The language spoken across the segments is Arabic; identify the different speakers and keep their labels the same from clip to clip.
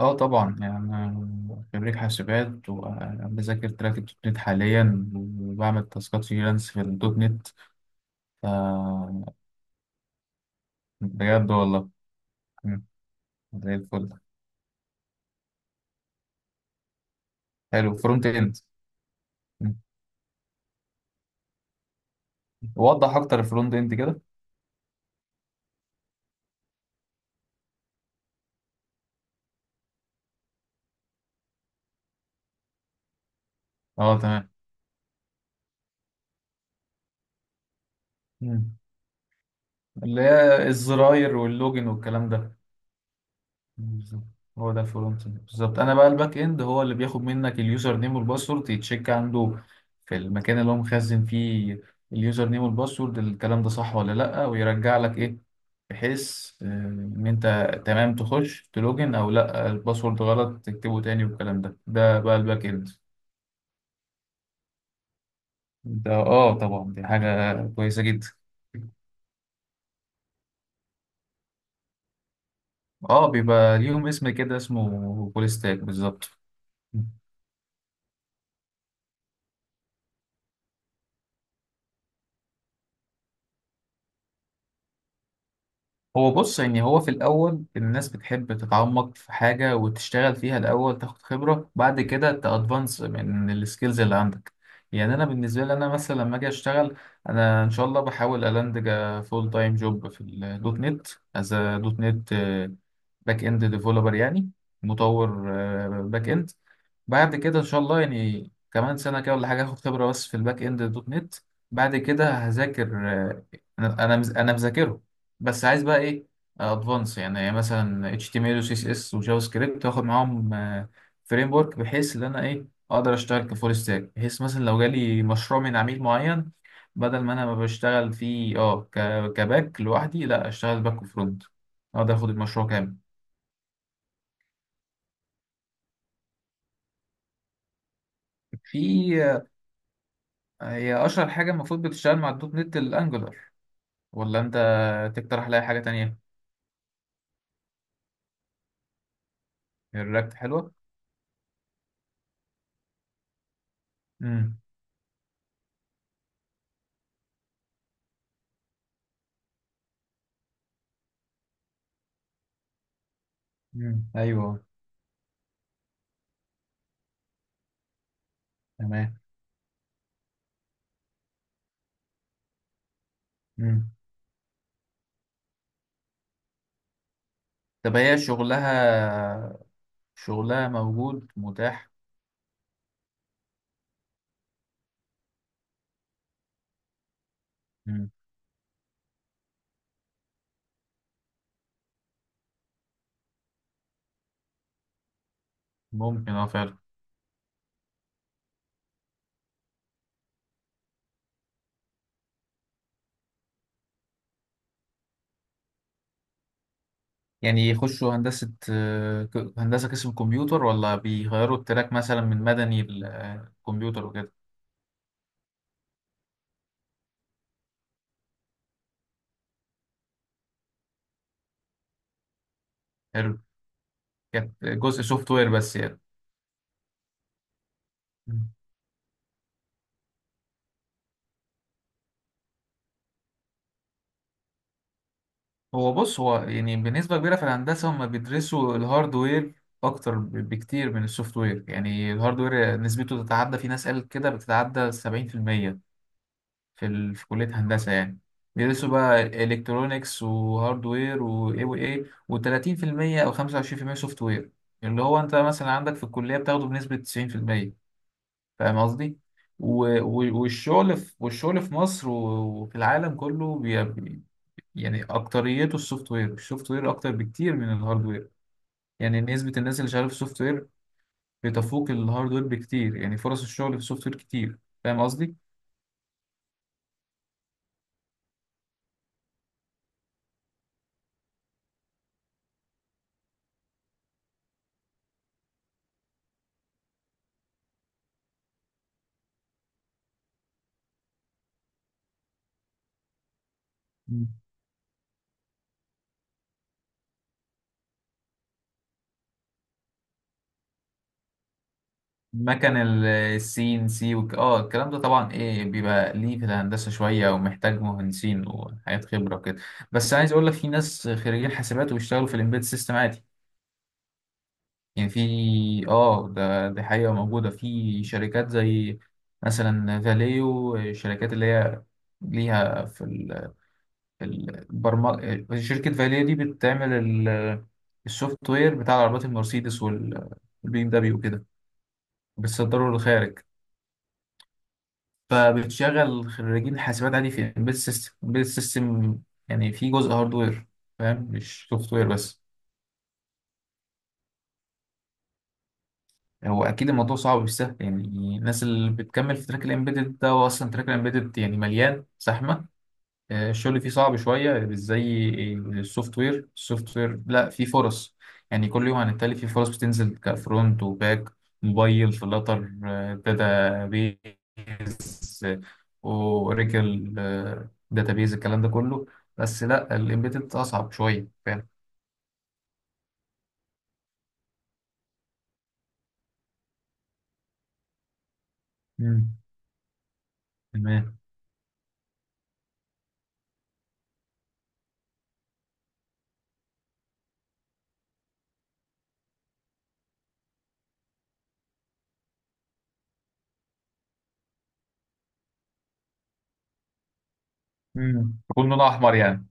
Speaker 1: اه طبعا يعني أنا خريج حاسبات وبذاكر تراك الدوت نت حاليا وبعمل تاسكات فريلانس في الدوت نت. ف بجد والله. مم. زي الفل. حلو، فرونت اند. مم. وضح اكتر الفرونت اند كده. اه تمام. مم. اللي هي الزراير واللوجن والكلام ده. بالظبط. هو ده الفرونت اند بالظبط، انا بقى الباك اند هو اللي بياخد منك اليوزر نيم والباسورد، يتشيك عنده في المكان اللي هو مخزن فيه اليوزر نيم والباسورد، الكلام ده صح ولا لا، ويرجع لك ايه. بحيث ان انت تمام تخش تلوجن او لا، الباسورد غلط تكتبه تاني والكلام ده بقى الباك اند. ده اه طبعا دي حاجة كويسة جدا. اه بيبقى ليهم اسم كده اسمه فول ستاك بالظبط. هو بص، يعني هو في الأول الناس بتحب تتعمق في حاجة وتشتغل فيها الأول، تاخد خبرة بعد كده تأدفانس من السكيلز اللي عندك. يعني أنا بالنسبة لي، أنا مثلا لما أجي أشتغل، أنا إن شاء الله بحاول ألاندج فول تايم جوب في الدوت نت، أز دوت نت باك إند ديفلوبر يعني، مطور باك إند. بعد كده ان شاء الله يعني كمان سنه كده ولا حاجه هاخد خبره بس في الباك اند دوت نت. بعد كده هذاكر انا مذاكره بس عايز بقى ايه، ادفانس يعني، مثلا اتش تي ام ال وسي اس اس وجافا سكريبت، واخد معاهم فريم ورك بحيث ان انا ايه، اقدر اشتغل كفول ستاك، بحيث مثلا لو جالي مشروع من عميل معين، بدل ما انا ما بشتغل فيه كباك لوحدي، لا اشتغل باك وفرونت، اقدر اخد المشروع كامل. في هي اشهر حاجه المفروض بتشتغل مع الدوت نت الانجولار، ولا انت تقترح لي حاجة تانية؟ الرياكت حلوة. امم ايوه. تمام. امم طب هي شغلها، شغلها موجود متاح. امم ممكن اه فعلا. يعني يخشوا هندسة هندسة قسم كمبيوتر، ولا بيغيروا التراك مثلا من مدني للكمبيوتر وكده؟ حلو. كانت جزء سوفت وير بس يعني. هو بص، هو يعني بنسبة كبيرة في الهندسة هم بيدرسوا الهاردوير أكتر بكتير من السوفت وير، يعني الهاردوير نسبته تتعدى، في ناس قالت كده بتتعدى 70% في كلية هندسة يعني، بيدرسوا بقى إلكترونيكس وهاردوير وإيه وإيه، وتلاتين في المية أو 25% سوفت وير، اللي هو أنت مثلا عندك في الكلية بتاخده بنسبة 90%. فاهم قصدي؟ والشغل في مصر وفي العالم كله، يعني اكتريته السوفت وير، اكتر بكتير من الهارد وير. يعني نسبة الناس اللي شغالة في السوفت وير بتفوق الهارد وير بكتير، يعني فرص الشغل في السوفت وير كتير. فاهم قصدي؟ مم. مكن السي ان سي وك... اه الكلام ده طبعا ايه بيبقى ليه في الهندسة شوية، ومحتاج مهندسين وحاجات خبرة وكده. بس عايز اقول لك، في ناس خريجين حاسبات وبيشتغلوا في الامبيد سيستم عادي. يعني في، اه ده دي حقيقة موجودة في شركات زي مثلا فاليو، الشركات اللي هي ليها في شركة فاليا دي بتعمل السوفت وير بتاع العربيات المرسيدس والبي ام دبليو وكده، بتصدره للخارج. فبتشغل خريجين حاسبات عادي في امبيد سيستم، امبيد سيستم يعني في جزء هاردوير، فاهم، مش سوفت وير بس. هو اكيد الموضوع صعب، مش سهل يعني. الناس اللي بتكمل في تراك الامبيدد ده، هو اصلا تراك الامبيدد يعني مليان زحمة. الشغل فيه صعب شوية، مش زي السوفت وير. السوفت وير لا فيه فرص، يعني كل يوم عن التالي فيه فرص بتنزل، كفرونت وباك، موبايل، فلاتر، داتا بيز، اوراكل، داتا بيز، الكلام ده كله. بس لا الامبيدد اصعب شوية، فاهم. مم. تمام. مم. يكون لونه احمر يعني.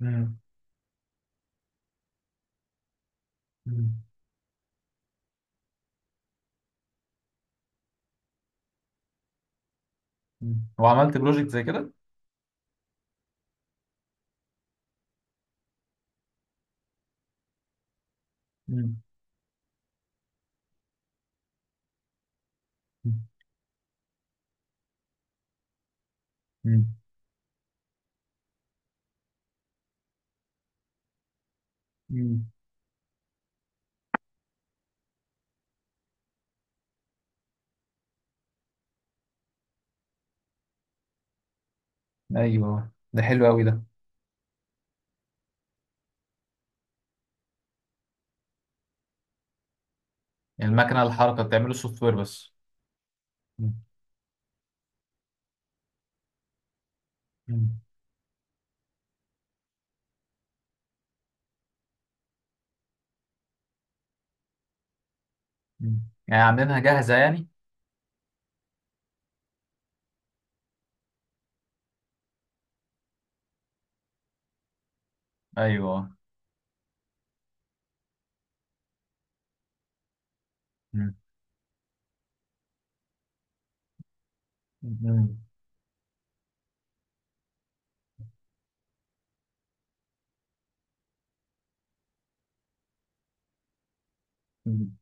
Speaker 1: مم. مم. مم. وعملت بروجكت زي كده. مم. مم. مم. ايوه، ده حلو قوي ده. يعني المكنة الحركة بتعمله السوفت وير بس. مم. مم. مم. يعني عاملينها جاهزة يعني. أيوه. مم. مم. مم.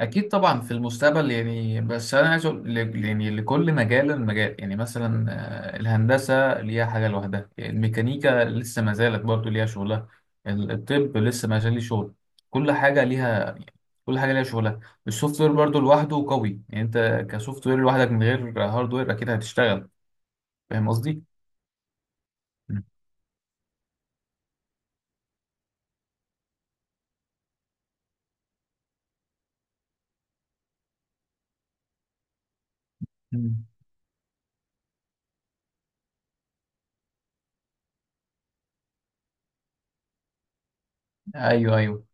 Speaker 1: أكيد طبعا في المستقبل يعني، بس أنا عايز أقول ل- يعني لكل مجال مجال، يعني مثلا الهندسة ليها حاجة لوحدها، يعني الميكانيكا لسه ما زالت برضه ليها شغلها. الطب لسه ما زال ليه شغل. كل حاجة ليها، كل حاجة ليها شغلها. السوفت وير برضه لوحده قوي، يعني أنت كسوفت وير لوحدك من غير هارد وير أكيد هتشتغل. فاهم قصدي؟ مم. ايوه ايوه،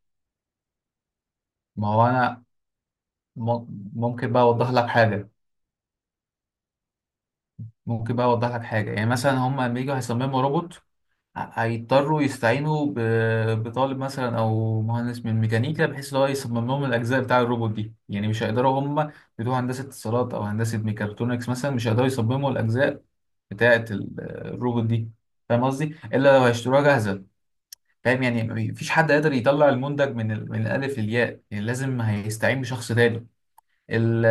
Speaker 1: ما هو انا ممكن بقى اوضح لك حاجه. ممكن بقى اوضح لك حاجه. يعني مثلا هم لما يجوا هيصمموا روبوت، هيضطروا يستعينوا بطالب مثلا او مهندس من ميكانيكا، بحيث ان هو يصمم لهم الاجزاء بتاع الروبوت دي. يعني مش هيقدروا هم، بتوع هندسه اتصالات او هندسه ميكاترونكس مثلا، مش هيقدروا يصمموا الاجزاء بتاعه الروبوت دي. فاهم قصدي، الا لو هيشتروها جاهزه. فاهم يعني، مفيش حد قادر يطلع المنتج من ال-، من الالف للياء، يعني لازم هيستعين بشخص تاني. ال-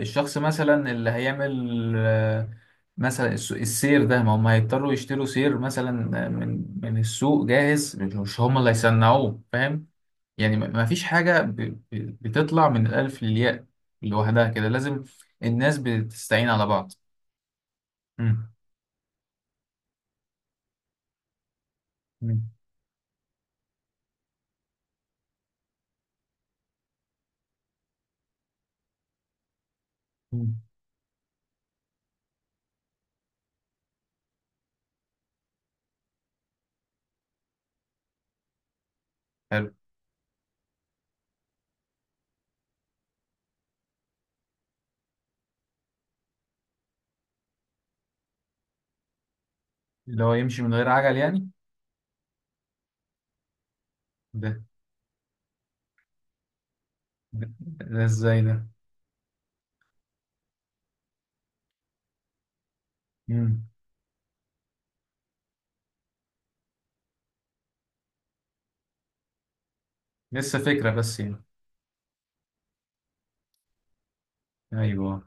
Speaker 1: الشخص مثلا اللي هيعمل مثلا السير ده، ما هم هيضطروا يشتروا سير مثلا من السوق جاهز، مش هم اللي هيصنعوه، فاهم. يعني ما فيش حاجة بتطلع من الألف للياء لوحدها كده، لازم الناس بتستعين على بعض. مم. مم. مم. حلو. اللي هو يمشي من غير عجل يعني. ده ده, ده ازاي ده؟ مم. لسه فكرة بس يعني. ايوه.